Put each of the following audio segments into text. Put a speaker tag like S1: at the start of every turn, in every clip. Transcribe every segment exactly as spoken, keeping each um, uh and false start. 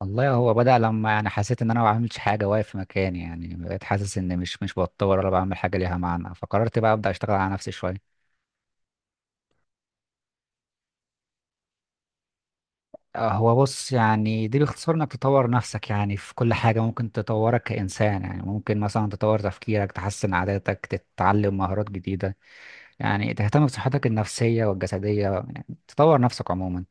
S1: والله هو بدأ لما انا حسيت ان انا ما بعملش حاجه واقف في مكاني. يعني بقيت حاسس ان مش مش بتطور ولا بعمل حاجه ليها معنى، فقررت بقى ابدا اشتغل على نفسي شويه. آه، هو بص، يعني دي باختصار انك تطور نفسك يعني في كل حاجه ممكن تطورك كانسان. يعني ممكن مثلا تطور تفكيرك، تحسن عاداتك، تتعلم مهارات جديده. يعني تهتم بصحتك النفسيه والجسديه، يعني تطور نفسك عموما.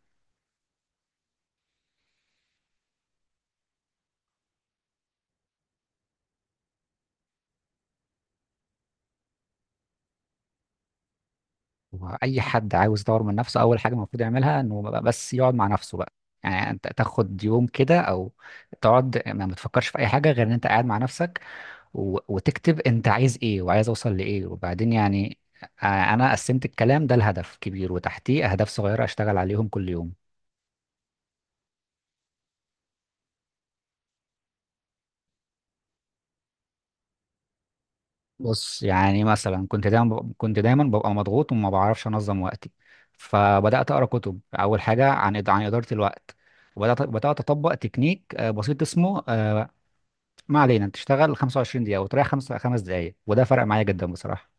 S1: هو اي حد عاوز يطور من نفسه، اول حاجه المفروض يعملها انه بقى بس يقعد مع نفسه بقى. يعني انت تاخد يوم كده، او تقعد ما ما تفكرش في اي حاجه غير ان انت قاعد مع نفسك. و... وتكتب انت عايز ايه وعايز اوصل لايه، وبعدين يعني آه، انا قسمت الكلام ده لهدف كبير وتحتيه اهداف صغيره اشتغل عليهم كل يوم. بص، يعني مثلا كنت دايما ب... كنت دايما ببقى مضغوط وما بعرفش انظم وقتي. فبدات اقرا كتب اول حاجه عن إد- عن اداره الوقت. وبدات بدات اطبق تكنيك آه، بسيط اسمه آه، ما علينا، تشتغل خمسه وعشرين دقيقه دقيقة وتريح خمس خمس دقايق، وده فرق معايا جدا بصراحة.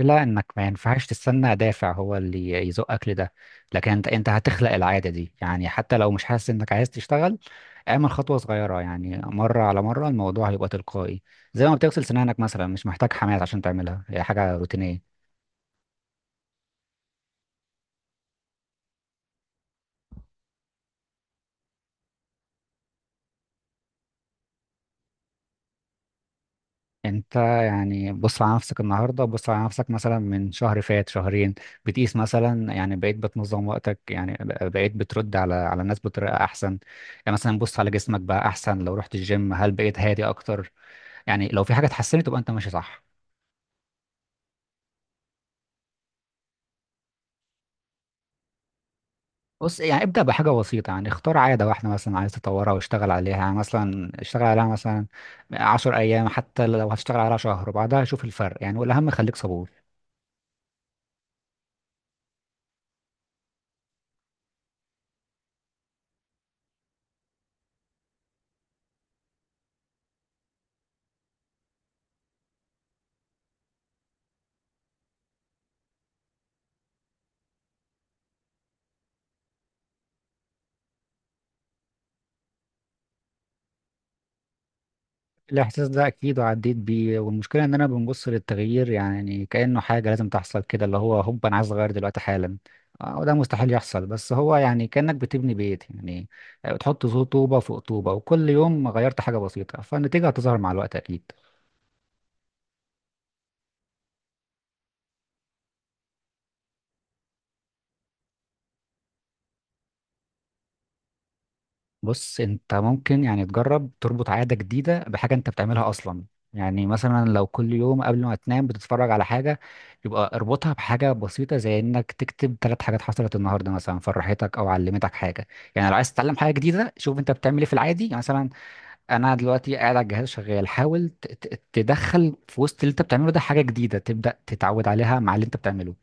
S1: إلا إنك ما ينفعش تستنى دافع هو اللي يزقك لده. لكن أنت أنت هتخلق العادة دي، يعني حتى لو مش حاسس إنك عايز تشتغل، اعمل خطوة صغيرة. يعني مرة على مرة الموضوع هيبقى تلقائي، زي ما بتغسل سنانك مثلا مش محتاج حماية عشان تعملها، هي حاجة روتينية. انت يعني بص على نفسك النهارده، بص على نفسك مثلا من شهر فات، شهرين، بتقيس مثلا، يعني بقيت بتنظم وقتك يعني، بقيت بترد على على الناس بطريقه احسن. يعني مثلا بص على جسمك، بقى احسن؟ لو رحت الجيم، هل بقيت هادي اكتر؟ يعني لو في حاجه اتحسنت تبقى انت ماشي صح. بص، يعني ابدا بحاجه بسيطه، يعني اختار عاده واحده مثلا عايز تطورها واشتغل عليها، يعني مثلا اشتغل عليها مثلا 10 ايام، حتى لو هتشتغل عليها شهر وبعدها شوف الفرق، يعني والاهم خليك صبور. الإحساس ده أكيد وعديت بيه، والمشكلة إن أنا بنبص للتغيير يعني كأنه حاجة لازم تحصل كده، اللي هو هوب أنا عايز أغير دلوقتي حالا. آه، وده مستحيل يحصل. بس هو يعني كأنك بتبني بيت يعني، آه، بتحط طوبة فوق طوبة، وكل يوم غيرت حاجة بسيطة فالنتيجة هتظهر مع الوقت أكيد. بص، انت ممكن يعني تجرب تربط عادة جديدة بحاجة انت بتعملها اصلا. يعني مثلا لو كل يوم قبل ما تنام بتتفرج على حاجة، يبقى اربطها بحاجة بسيطة زي انك تكتب ثلاث حاجات حصلت النهاردة مثلا، فرحتك او علمتك حاجة. يعني لو عايز تتعلم حاجة جديدة، شوف انت بتعمل ايه في العادي. يعني مثلا انا دلوقتي قاعد على الجهاز شغال، حاول ت- ت- تدخل في وسط اللي انت بتعمله ده حاجة جديدة تبدأ تتعود عليها مع اللي انت بتعمله.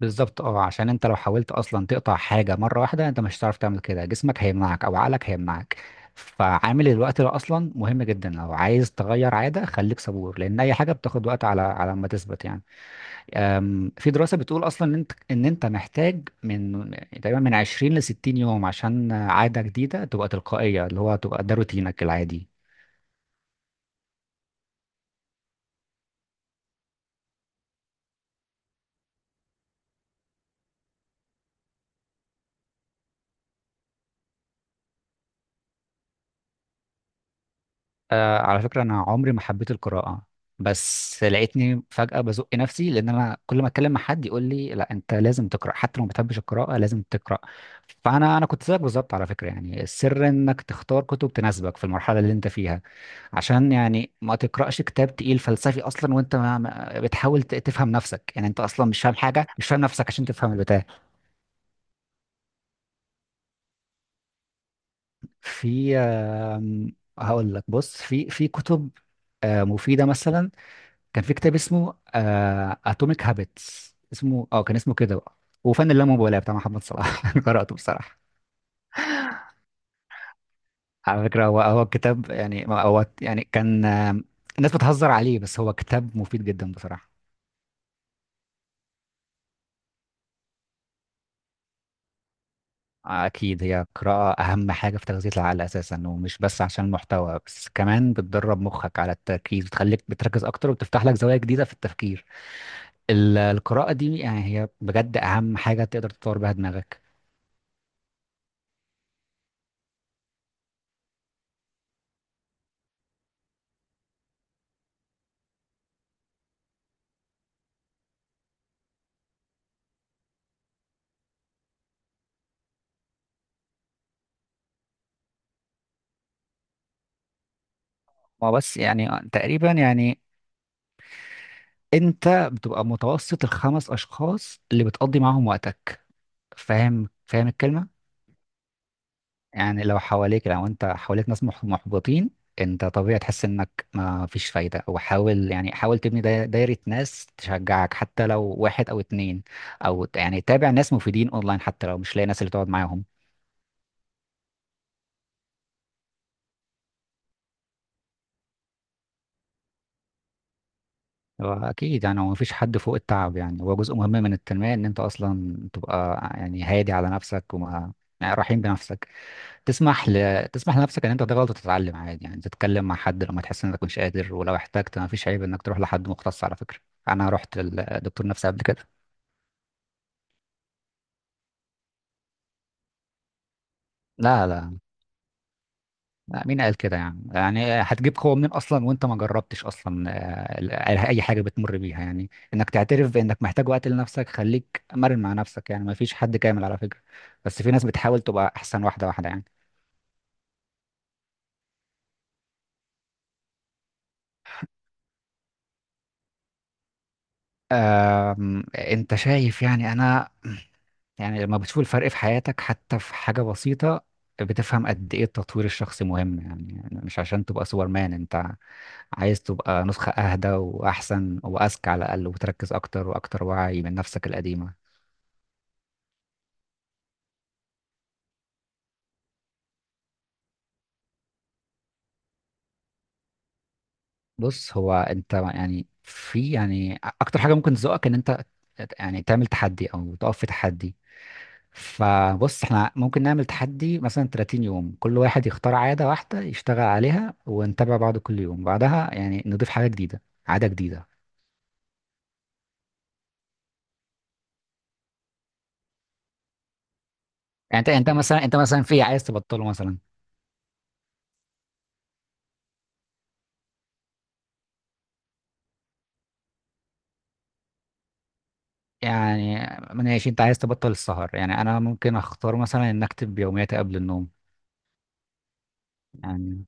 S1: بالظبط اه، عشان انت لو حاولت اصلا تقطع حاجه مره واحده انت مش هتعرف تعمل كده، جسمك هيمنعك او عقلك هيمنعك. فعامل الوقت ده اصلا مهم جدا، لو عايز تغير عاده خليك صبور، لان اي حاجه بتاخد وقت على على ما تثبت يعني. أم، في دراسه بتقول اصلا ان انت ان انت محتاج من تقريبا من عشرين ل 60 يوم عشان عاده جديده تبقى تلقائيه، اللي هو تبقى ده روتينك العادي. آه على فكرة، أنا عمري ما حبيت القراءة. بس لقيتني فجأة بزق نفسي، لأن أنا كل ما أتكلم مع حد يقول لي لا أنت لازم تقرأ، حتى لو ما بتحبش القراءة لازم تقرأ. فأنا أنا كنت زيك بالظبط على فكرة، يعني السر إنك تختار كتب تناسبك في المرحلة اللي أنت فيها. عشان يعني ما تقرأش كتاب تقيل فلسفي أصلا وأنت ما ما- بتحاول ت- تفهم نفسك، يعني أنت أصلا مش فاهم حاجة، مش فاهم نفسك عشان تفهم البتاع. في آم، هقول لك، بص في في كتب آه، مفيدة مثلا. كان في كتاب اسمه اتوميك هابتس، اسمه اه كان اسمه كده بقى، وفن اللامبالاه بتاع محمد صلاح انا قراته بصراحه. على فكره، هو هو الكتاب يعني هو يعني كان آه، الناس بتهزر عليه، بس هو كتاب مفيد جدا بصراحه. اكيد، هي قراءه اهم حاجه في تغذيه العقل اساسا، ومش بس عشان المحتوى، بس كمان بتدرب مخك على التركيز، بتخليك بتركز اكتر، وبتفتح لك زوايا جديده في التفكير. ال- القراءه دي يعني هي بجد اهم حاجه تقدر تطور بيها دماغك. ما بس، يعني تقريبا يعني انت بتبقى متوسط الخمس اشخاص اللي بتقضي معاهم وقتك. فاهم؟ فاهم الكلمه؟ يعني لو حواليك لو انت حواليك ناس مح- محبطين، انت طبيعي تحس انك ما فيش فايده. وحاول يعني حاول تبني داي- دايره ناس تشجعك، حتى لو واحد او اتنين، او ت- يعني تابع ناس مفيدين اونلاين، حتى لو مش لاقي ناس اللي تقعد معاهم. واكيد يعني هو مفيش حد فوق التعب، يعني هو جزء مهم من التنميه ان انت اصلا تبقى يعني هادي على نفسك، وما يعني رحيم بنفسك. تسمح ل... تسمح لنفسك ان انت تغلط وتتعلم عادي، يعني تتكلم مع حد لما تحس انك مش قادر، ولو احتجت ما فيش عيب انك تروح لحد مختص على فكره. انا رحت للدكتور نفسي قبل كده. لا، لا، لا، مين قال كده؟ يعني يعني هتجيب قوه منين اصلا وانت ما جربتش اصلا آه، اي حاجه بتمر بيها، يعني انك تعترف بانك محتاج وقت لنفسك، خليك مرن مع نفسك، يعني ما فيش حد كامل على فكره. بس في ناس بتحاول تبقى احسن، واحده واحده يعني. آم، انت شايف يعني، انا يعني لما بتشوف الفرق في حياتك حتى في حاجة بسيطة، بتفهم قد ايه التطوير الشخصي مهم. يعني يعني مش عشان تبقى سوبرمان، انت عايز تبقى نسخة اهدى واحسن واذكى على الاقل، وتركز اكتر، واكتر وعي من نفسك القديمة. بص، هو انت يعني في يعني اكتر حاجة ممكن تزقك ان انت يعني تعمل تحدي او تقف في تحدي. فبص احنا ممكن نعمل تحدي مثلا 30 يوم، كل واحد يختار عادة واحدة يشتغل عليها، ونتابع بعض كل يوم، بعدها يعني نضيف حاجة جديدة، عادة جديدة. يعني انت انت مثلا انت مثلا في عايز تبطله مثلا؟ يعني ماشي، انت عايز تبطل السهر؟ يعني انا ممكن اختار مثلا ان اكتب يومياتي قبل النوم. يعني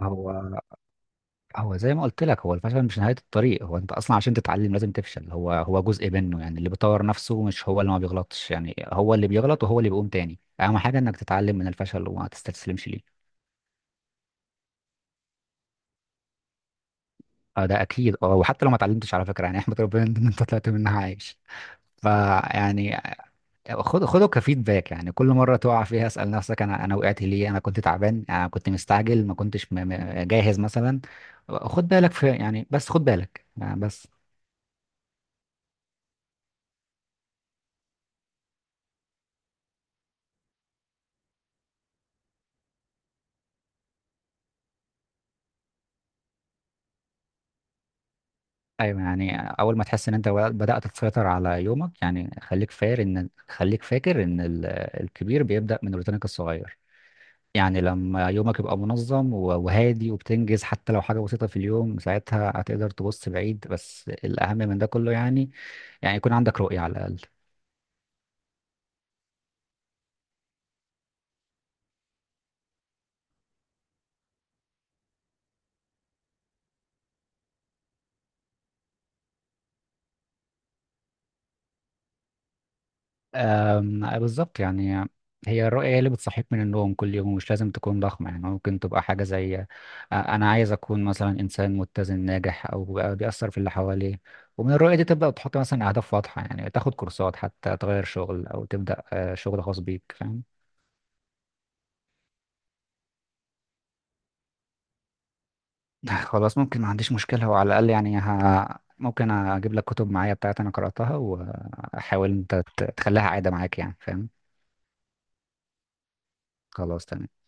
S1: هو هو زي ما قلت لك، هو الفشل مش نهاية الطريق، هو انت اصلا عشان تتعلم لازم تفشل، هو هو جزء منه. يعني اللي بيطور نفسه مش هو اللي ما بيغلطش، يعني هو اللي بيغلط وهو اللي بيقوم تاني. اهم حاجة انك تتعلم من الفشل وما تستسلمش ليه. اه، ده اكيد. اه، وحتى لو ما اتعلمتش على فكرة يعني، احمد ربنا ان انت طلعت منها عايش. فيعني خد خده كفيدباك، يعني كل مرة تقع فيها اسأل نفسك انا انا وقعت ليه؟ انا كنت تعبان، انا كنت مستعجل، ما كنتش م- م- جاهز مثلا. خد بالك في يعني، بس خد بالك يعني بس. ايوه، يعني اول ما تحس ان انت بدات تسيطر على يومك، يعني خليك فاكر ان، خليك فاكر ان ال- الكبير بيبدا من روتينك الصغير. يعني لما يومك يبقى منظم و- وهادي وبتنجز حتى لو حاجه بسيطه في اليوم، ساعتها هتقدر تبص بعيد. بس الاهم من ده كله يعني، يعني يكون عندك رؤيه على الاقل. أم، بالظبط يعني. هي الرؤية هي اللي بتصحيك من النوم كل يوم، مش لازم تكون ضخمة. يعني ممكن تبقى حاجة زي آه، أنا عايز أكون مثلا إنسان متزن ناجح، أو بقى بيأثر في اللي حواليه. ومن الرؤية دي تبدأ تحط مثلا أهداف واضحة، يعني تاخد كورسات حتى تغير شغل، أو تبدأ آه، شغل خاص بيك، فاهم؟ خلاص، ممكن ما عنديش مشكلة، وعلى الأقل يعني ه... ممكن أجيب لك كتب معايا بتاعت أنا قرأتها، وأحاول أنت ت- تخليها عادة معاك، يعني فاهم؟ خلاص تمام.